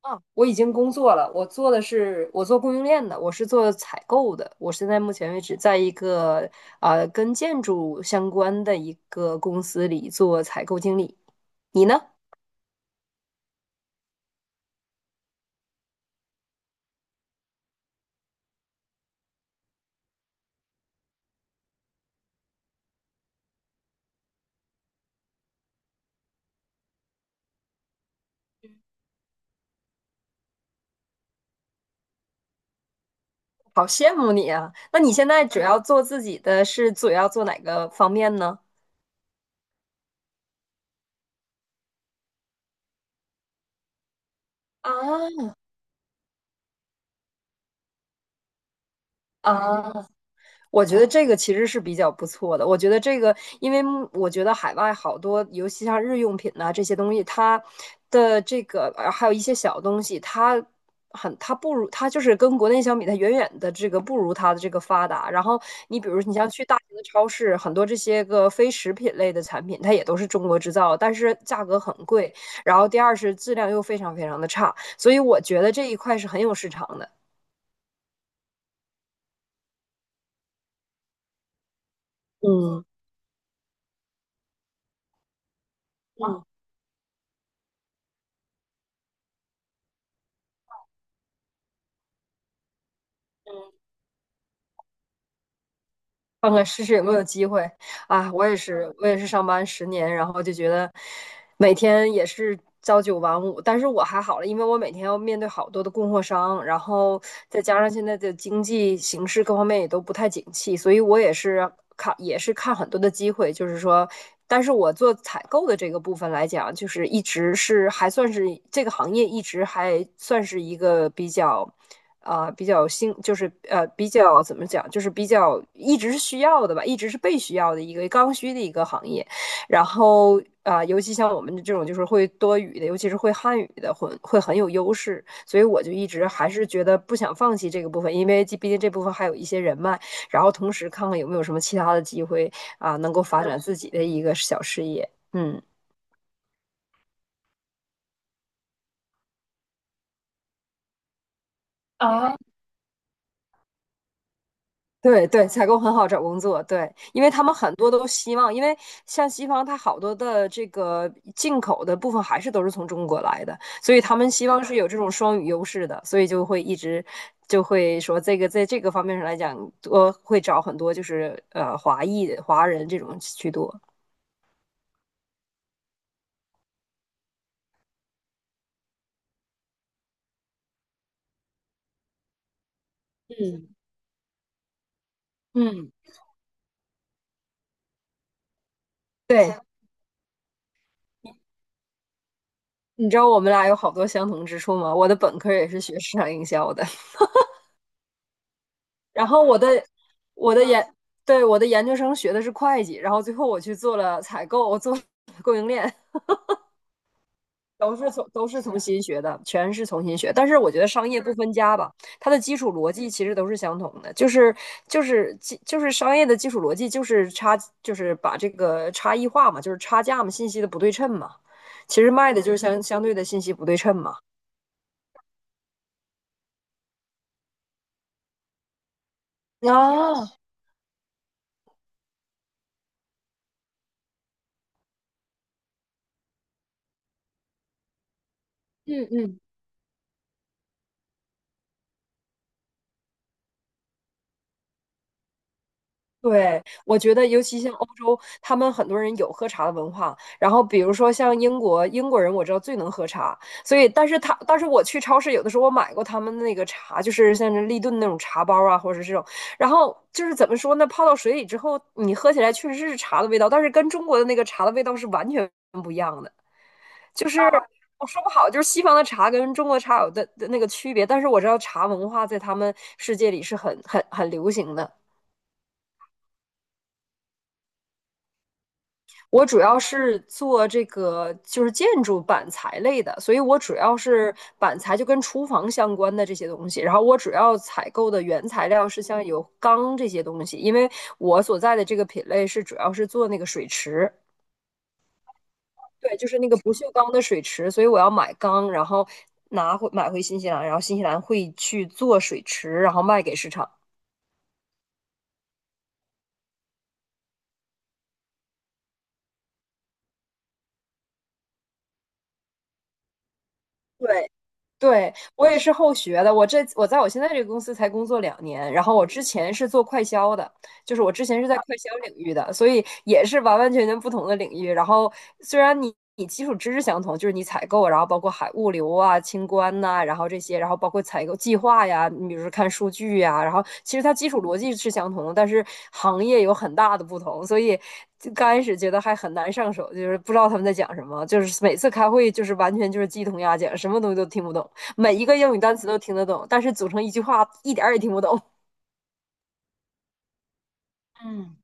啊，我已经工作了，我做的是供应链的，我是做采购的。我现在目前为止在一个跟建筑相关的一个公司里做采购经理。你呢？好羡慕你啊！那你现在主要做自己的主要做哪个方面呢？啊啊！我觉得这个其实是比较不错的。我觉得这个，因为我觉得海外好多，尤其像日用品呐、这些东西，它的这个呃还有一些小东西，它很它不如它就是跟国内相比，它远远的不如它的这个发达。然后你比如你像去大型的超市，很多这些个非食品类的产品，它也都是中国制造，但是价格很贵，然后第二是质量又非常非常的差，所以我觉得这一块是很有市场的。嗯，看看试试有没有机会。啊！我也是，我也是上班十年，然后就觉得每天也是朝九晚五，但是我还好了，因为我每天要面对好多的供货商，然后再加上现在的经济形势各方面也都不太景气，所以我也是看很多的机会，就是说，但是我做采购的这个部分来讲，就是一直是还算是这个行业一直还算是一个比较。比较新，比较怎么讲，就是比较一直是需要的吧，一直是被需要的一个刚需的一个行业。然后啊、尤其像我们这种就是会多语的，尤其是会汉语的，会很有优势。所以我就一直还是觉得不想放弃这个部分，因为毕竟这部分还有一些人脉，然后同时看看有没有什么其他的机会，能够发展自己的一个小事业。嗯。对对，采购很好找工作，对，因为他们很多都希望，因为像西方，它好多的这个进口的部分还是都是从中国来的，所以他们希望是有这种双语优势的，所以就会一直就会说这个在这个方面上来讲，多会找很多华裔华人这种居多。嗯，对，你知道我们俩有好多相同之处吗？我的本科也是学市场营销的。然后我的我的研对，我的研究生学的是会计，然后最后我去做了采购，我做 供应链，都是重新学的，全是重新学。但是我觉得商业不分家吧，它的基础逻辑其实都是相同的，就是就是基就是商业的基础逻辑就是差就是把这个差异化嘛，就是差价嘛，信息的不对称嘛，其实卖的就是相对的信息不对称嘛。啊，嗯嗯，对，我觉得尤其像欧洲，他们很多人有喝茶的文化。然后比如说像英国，英国人我知道最能喝茶，所以但是我去超市有的时候我买过他们那个茶，就是像是立顿那种茶包啊，或者是这种。然后就是怎么说呢，泡到水里之后，你喝起来确实是茶的味道，但是跟中国的那个茶的味道是完全不一样的。就是我说不好，就是西方的茶跟中国茶的那个区别，但是我知道茶文化在他们世界里是很流行的。我主要是做这个就是建筑板材类的，所以我主要是板材就跟厨房相关的这些东西。然后我主要采购的原材料是像有钢这些东西，因为我所在的这个品类是主要是做那个水池，对，就是那个不锈钢的水池，所以我要买钢，然后买回新西兰，然后新西兰会去做水池，然后卖给市场。对，对，我也是后学的。我在我现在这个公司才工作两年，然后我之前是做快销的，就是我之前是在快销领域的，所以也是完完全全不同的领域。然后虽然你基础知识相同，就是你采购，然后包括海物流啊、清关呐、然后这些，然后包括采购计划呀，你比如说看数据呀，然后其实它基础逻辑是相同的，但是行业有很大的不同，所以就刚开始觉得还很难上手，就是不知道他们在讲什么，就是每次开会就是完全就是鸡同鸭讲，什么东西都听不懂。每一个英语单词都听得懂，但是组成一句话一点儿也听不懂。嗯，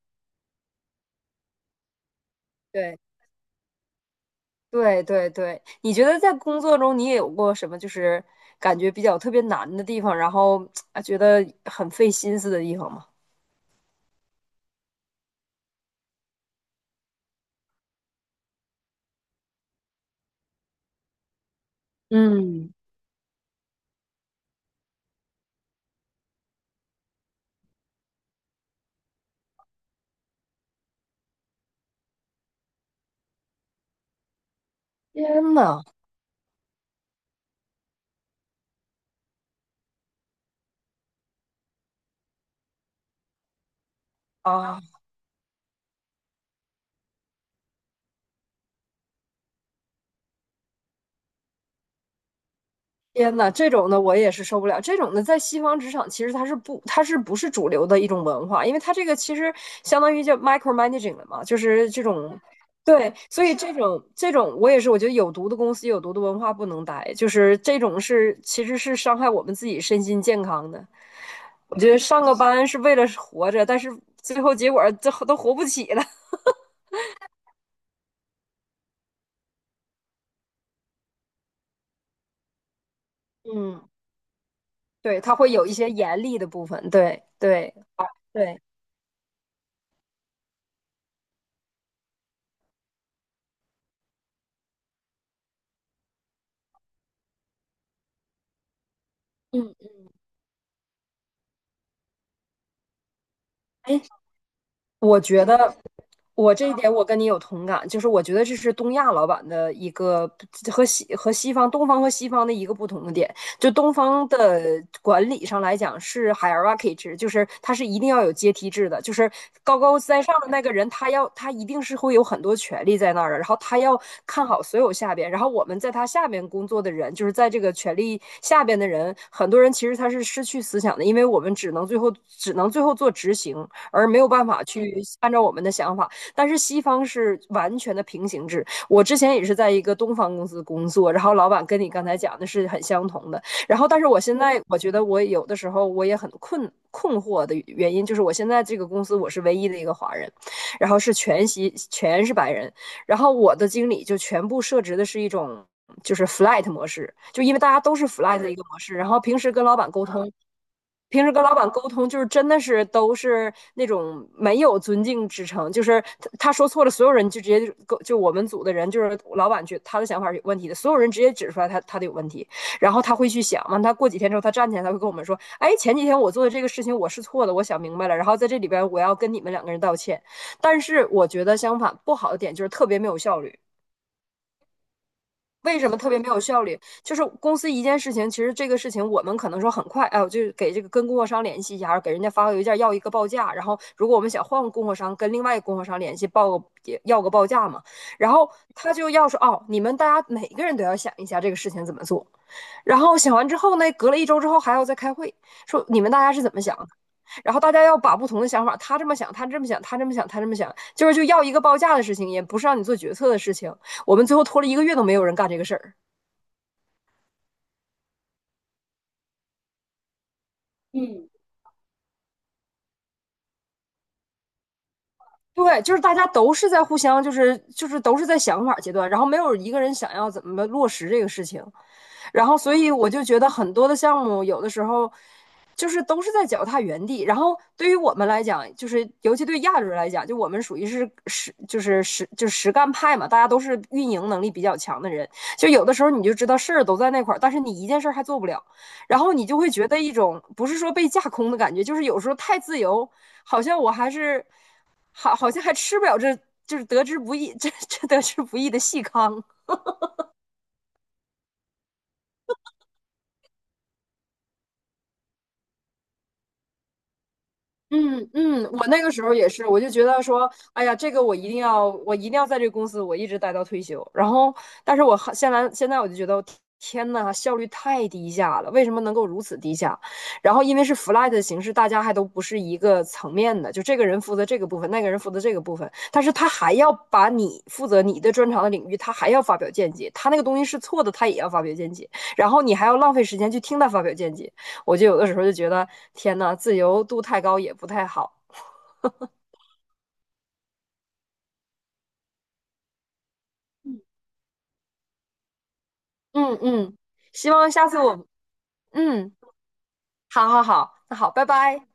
对对对对，你觉得在工作中你也有过什么就是感觉比较特别难的地方，然后觉得很费心思的地方吗？嗯，天呐，啊！天呐，这种的我也是受不了。这种的在西方职场其实它是不是主流的一种文化？因为它这个其实相当于叫 micromanaging 了嘛，就是这种，对，所以这种我也是，我觉得有毒的公司有毒的文化不能待，就是这种是其实是伤害我们自己身心健康的。我觉得上个班是为了活着，但是最后结果儿最后都活不起了。嗯，对，它会有一些严厉的部分，对对对，嗯，哎，我觉得。我这一点我跟你有同感，就是我觉得这是东亚老板的一个和西方、东方和西方的一个不同的点。就东方的管理上来讲是 hierarchy 制，就是它是一定要有阶梯制的，就是高高在上的那个人，他一定是会有很多权利在那儿的，然后他要看好所有下边，然后我们在他下边工作的人，就是在这个权力下边的人，很多人其实他是失去思想的，因为我们只能最后做执行，而没有办法去按照我们的想法。但是西方是完全的平行制。我之前也是在一个东方公司工作，然后老板跟你刚才讲的是很相同的。然后，但是我现在我觉得我有的时候我也很困惑的原因，就是我现在这个公司我是唯一的一个华人，然后全是白人，然后我的经理就全部设置的是一种。就是 flat 模式，就因为大家都是 flat 的一个模式，平时跟老板沟通，就是真的是都是那种没有尊敬之城，就是他说错了，所有人就直接就就我们组的人，就是老板觉得他的想法是有问题的，所有人直接指出来他的有问题，然后他会去想嘛，他过几天之后，他站起来，他会跟我们说，哎，前几天我做的这个事情我是错的，我想明白了，然后在这里边我要跟你们两个人道歉。但是我觉得相反，不好的点就是特别没有效率。为什么特别没有效率？就是公司一件事情，其实这个事情我们可能说很快，哎，我就给这个跟供货商联系一下，然后给人家发个邮件要一个报价，然后如果我们想换个供货商，跟另外一个供货商联系要个报价嘛，然后他就要说，哦，你们大家每个人都要想一下这个事情怎么做，然后想完之后呢，隔了一周之后还要再开会，说你们大家是怎么想，然后大家要把不同的想法，他这么想，就是就要一个报价的事情，也不是让你做决策的事情。我们最后拖了一个月都没有人干这个事儿。嗯，对，就是大家都是在互相，就是都是在想法阶段，然后没有一个人想要怎么落实这个事情，然后所以我就觉得很多的项目有的时候就是都是在脚踏原地，然后对于我们来讲，就是尤其对亚洲人来讲，就我们属于是实就是实就是实干派嘛，大家都是运营能力比较强的人，就有的时候你就知道事儿都在那块儿，但是你一件事儿还做不了，然后你就会觉得一种不是说被架空的感觉，就是有时候太自由，好像我还是。好像还吃不了这，就是得之不易，这得之不易的细糠。嗯嗯，我那个时候也是，我就觉得说，哎呀，我一定要在这个公司我一直待到退休。然后，但是我还现在现在我就觉得，天呐，效率太低下了，为什么能够如此低下？然后因为是 flat 的形式，大家还都不是一个层面的，就这个人负责这个部分，那个人负责这个部分，但是他还要把你负责你的专长的领域，他还要发表见解，他那个东西是错的，他也要发表见解，然后你还要浪费时间去听他发表见解。我就有的时候就觉得，天呐，自由度太高也不太好。嗯嗯，希望下次我，嗯，好好好，那好，拜拜。